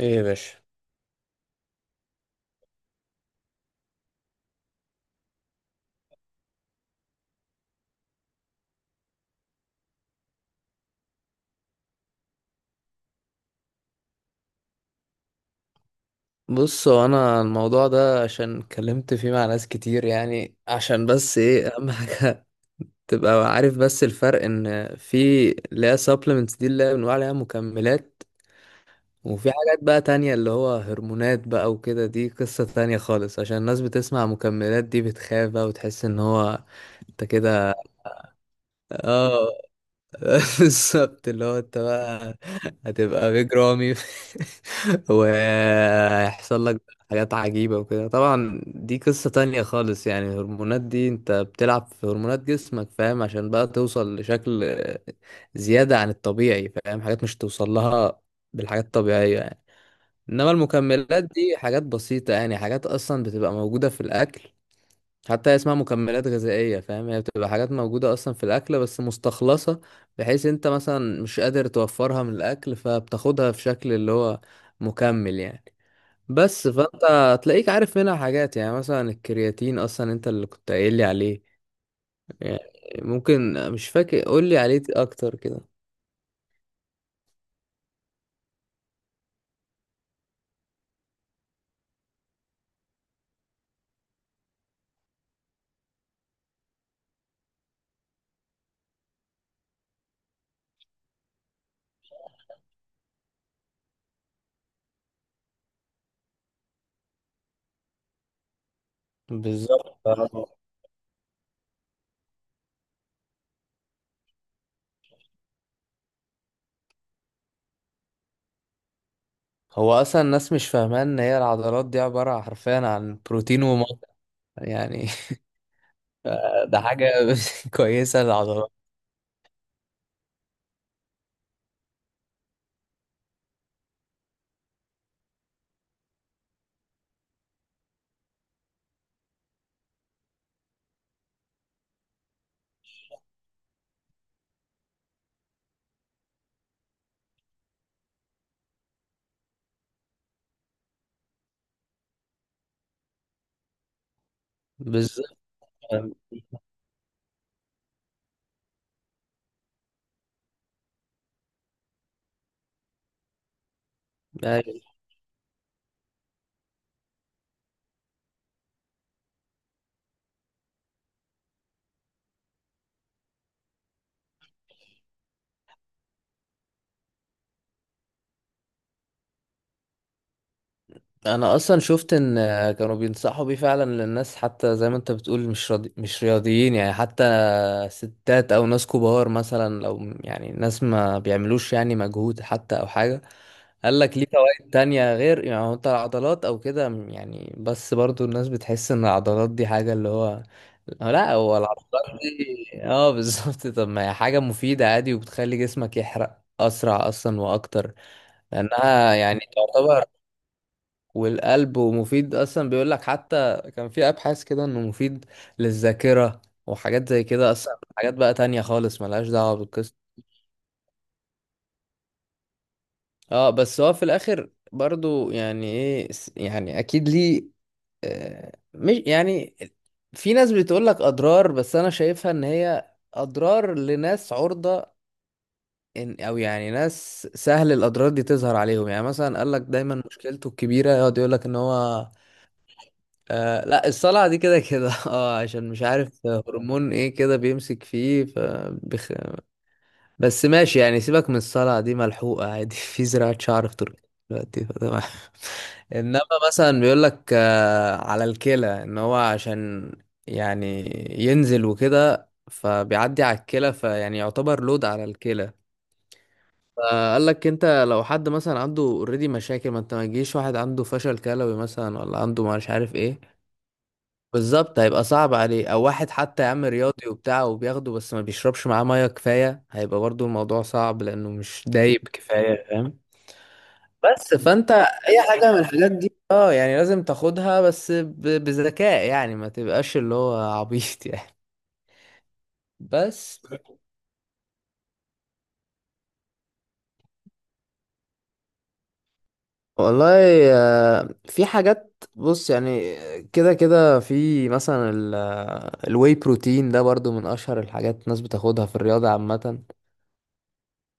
ايه يا باشا. بص، هو انا الموضوع ده عشان اتكلمت فيه مع ناس كتير يعني عشان بس ايه اهم حاجه. تبقى عارف بس الفرق ان في اللي هي supplements دي اللي هي بنقول عليها مكملات، وفي حاجات بقى تانية اللي هو هرمونات بقى وكده. دي قصة تانية خالص، عشان الناس بتسمع مكملات دي بتخاف بقى وتحس ان هو انت كده. اه، بالظبط، اللي هو انت بقى هتبقى بيج رامي وهيحصل لك حاجات عجيبة وكده. طبعا دي قصة تانية خالص، يعني الهرمونات دي انت بتلعب في هرمونات جسمك فاهم، عشان بقى توصل لشكل زيادة عن الطبيعي، فاهم، حاجات مش توصل لها بالحاجات الطبيعية يعني. انما المكملات دي حاجات بسيطة، يعني حاجات اصلا بتبقى موجودة في الاكل، حتى اسمها مكملات غذائية فاهم. هي بتبقى حاجات موجودة أصلا في الأكل بس مستخلصة، بحيث أنت مثلا مش قادر توفرها من الأكل، فبتاخدها في شكل اللي هو مكمل يعني. بس فأنت هتلاقيك عارف منها حاجات، يعني مثلا الكرياتين، أصلا أنت اللي كنت قايل لي عليه يعني. ممكن مش فاكر، قول لي عليه أكتر كده. بالظبط آه. هو أصلا الناس مش فاهمة إن هي العضلات دي عبارة حرفيا عن بروتين وميه يعني. ده حاجة كويسة للعضلات. أم- أيوة. انا اصلا شفت ان كانوا بينصحوا بيه فعلا للناس، حتى زي ما انت بتقول، مش راضي مش رياضيين يعني، حتى ستات او ناس كبار، مثلا لو يعني ناس ما بيعملوش يعني مجهود حتى او حاجة. قال لك ليه فوائد تانية غير يعني هو انت العضلات او كده يعني. بس برضو الناس بتحس ان العضلات دي حاجة اللي هو، لا، هو العضلات دي اه بالظبط. طب ما هي حاجة مفيدة عادي، وبتخلي جسمك يحرق اسرع اصلا واكتر، لانها يعني تعتبر. والقلب، ومفيد اصلا، بيقول لك حتى كان في ابحاث كده انه مفيد للذاكره وحاجات زي كده، اصلا حاجات بقى تانية خالص ملهاش دعوه بالقصه. اه بس هو في الاخر برضو يعني ايه، يعني اكيد ليه آه، مش يعني، في ناس بتقول لك اضرار، بس انا شايفها ان هي اضرار لناس عرضه إن، او يعني ناس سهل الاضرار دي تظهر عليهم. يعني مثلا قال لك دايما مشكلته الكبيره يقعد يقول لك ان هو، آه لا، الصلع دي كده كده اه، عشان مش عارف هرمون ايه كده بيمسك فيه بس ماشي يعني، سيبك من الصلع دي ملحوقة عادي في زراعة شعر في تركيا دلوقتي فتمام انما مثلا بيقول لك آه على الكلى، ان هو عشان يعني ينزل وكده فبيعدي على الكلى، فيعني يعتبر لود على الكلى. فقال لك انت لو حد مثلا عنده اوريدي مشاكل، ما انت ما تجيش واحد عنده فشل كلوي مثلا ولا عنده مش عارف ايه، بالظبط هيبقى صعب عليه. او واحد حتى يا عم رياضي وبتاع وبياخده بس ما بيشربش معاه ميه كفايه، هيبقى برضو الموضوع صعب لانه مش دايب كفايه، فاهم. بس فانت اي حاجه من الحاجات دي، اه يعني لازم تاخدها بس بذكاء يعني، ما تبقاش اللي هو عبيط يعني. بس والله آه، في حاجات بص يعني، كده كده في مثلا الواي بروتين ده برضو من اشهر الحاجات الناس بتاخدها في الرياضه عامه،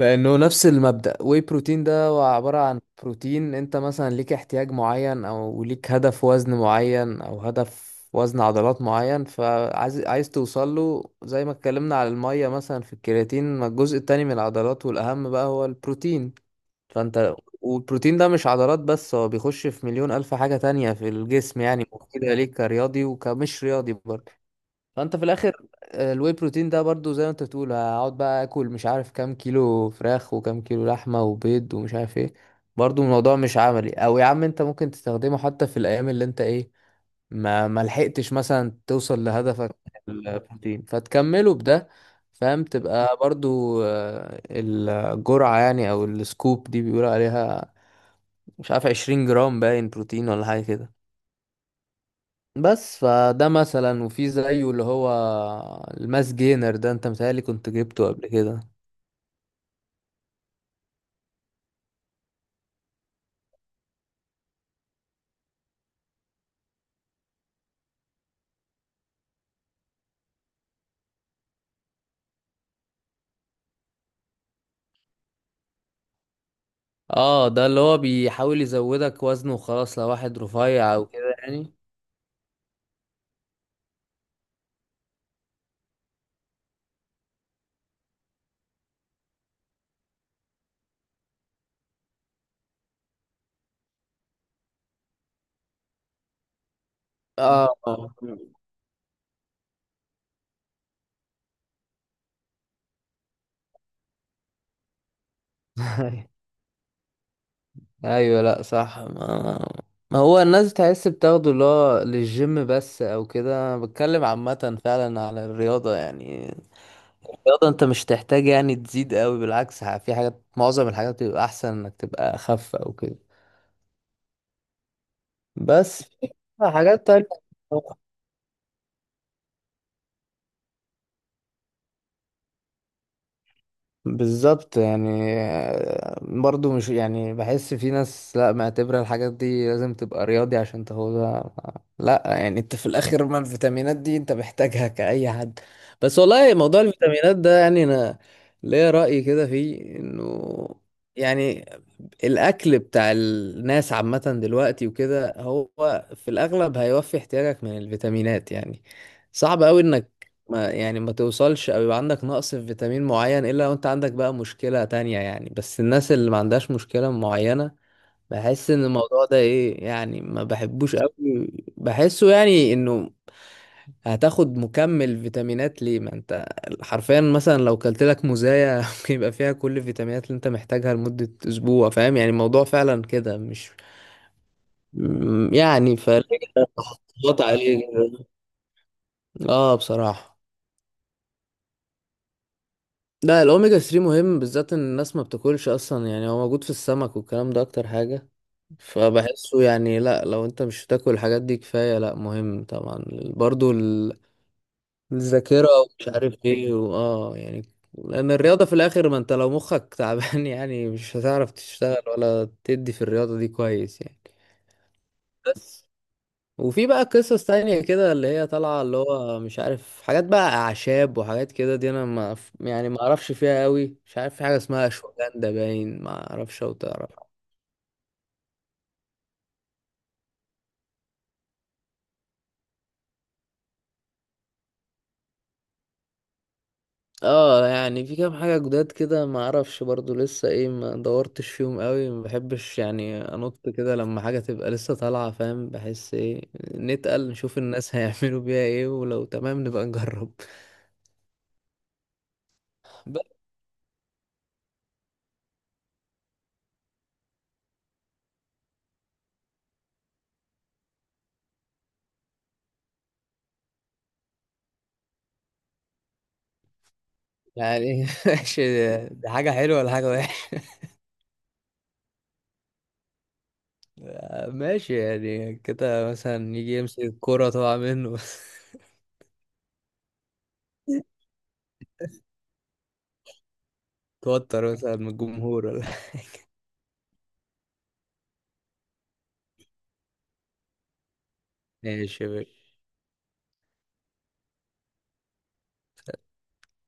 لانه نفس المبدأ. واي بروتين ده هو عبارة عن بروتين، انت مثلا ليك احتياج معين او ليك هدف وزن معين او هدف وزن عضلات معين، فعايز توصل له، زي ما اتكلمنا على المية مثلا في الكرياتين. ما الجزء التاني من العضلات والاهم بقى هو البروتين، فانت، والبروتين ده مش عضلات بس، هو بيخش في مليون الف حاجة تانية في الجسم، يعني مفيدة ليك كرياضي وكمش رياضي برضه. فانت في الاخر آه، الواي بروتين ده برضو، زي ما انت بتقول هقعد بقى اكل مش عارف كام كيلو فراخ وكام كيلو لحمه وبيض ومش عارف ايه، برضو الموضوع مش عملي. او يا عم انت ممكن تستخدمه حتى في الايام اللي انت ايه ما لحقتش مثلا توصل لهدفك من البروتين، فتكمله بده فاهم. تبقى برضو آه، الجرعه يعني او السكوب دي بيقولوا عليها مش عارف 20 جرام باين بروتين ولا حاجه كده. بس فده مثلا. وفي زيه اللي هو الماس جينر ده، انت متهيألي كنت جبته قبل كده. اه ده اللي هو بيحاول يزودك وزن وخلاص، لو واحد رفيع او كده يعني. اه ايوه لا صح، ما ما هو الناس تحس بتاخده اللي هو للجيم بس او كده، أنا بتكلم عامة فعلا على الرياضة يعني. الرياضة انت مش تحتاج يعني تزيد قوي، بالعكس، في حاجات، معظم الحاجات بيبقى احسن انك تبقى اخف او كده. بس حاجات تانية بالظبط يعني، آه، برضو مش يعني، بحس في ناس لا معتبرة الحاجات دي لازم تبقى رياضي عشان تاخدها. لا يعني انت في الاخر، ما الفيتامينات دي انت محتاجها كأي حد. بس والله موضوع الفيتامينات ده يعني، انا ليا رأي كده فيه انه يعني الاكل بتاع الناس عامة دلوقتي وكده، هو في الاغلب هيوفي احتياجك من الفيتامينات يعني. صعب قوي انك ما توصلش او يبقى عندك نقص في فيتامين معين، الا لو انت عندك بقى مشكلة تانية يعني. بس الناس اللي ما عندهاش مشكلة معينة، بحس ان الموضوع ده ايه يعني، ما بحبوش قوي. بحسه يعني انه، هتاخد مكمل فيتامينات ليه، ما انت حرفيا مثلا لو كلت لك موزاية ممكن يبقى فيها كل الفيتامينات اللي انت محتاجها لمدة اسبوع فاهم. يعني الموضوع فعلا كده مش يعني فليه تحط عليه كده؟ اه بصراحة. لا الاوميجا 3 مهم، بالذات ان الناس ما بتاكلش اصلا، يعني هو موجود في السمك والكلام ده اكتر حاجة. فبحسه يعني، لا لو انت مش بتاكل الحاجات دي كفاية لا مهم طبعا، برضو الذاكرة ومش عارف ايه واه يعني، لان الرياضة في الاخر، ما انت لو مخك تعبان يعني مش هتعرف تشتغل ولا تدي في الرياضة دي كويس يعني. بس. وفي بقى قصص تانية كده اللي هي طالعة، اللي هو مش عارف حاجات بقى أعشاب وحاجات كده، دي أنا ما ف- يعني ما أعرفش فيها قوي، مش عارف في حاجة اسمها أشواجندا باين ما أعرفش، أو تعرف. اه يعني في كام حاجة جداد كده ما أعرفش برضو لسه إيه، ما دورتش فيهم قوي. ما بحبش يعني أنط كده لما حاجة تبقى لسه طالعة فاهم، بحس إيه نتقل نشوف الناس هيعملوا بيها إيه، ولو تمام نبقى نجرب. بس يعني ماشي، دي حاجة حلوة ولا حاجة؟ ماشي يعني كده مثلا يجي يمسك الكورة طبعا منه. توتر مثلا من الجمهور ولا؟ ماشي يا باشا.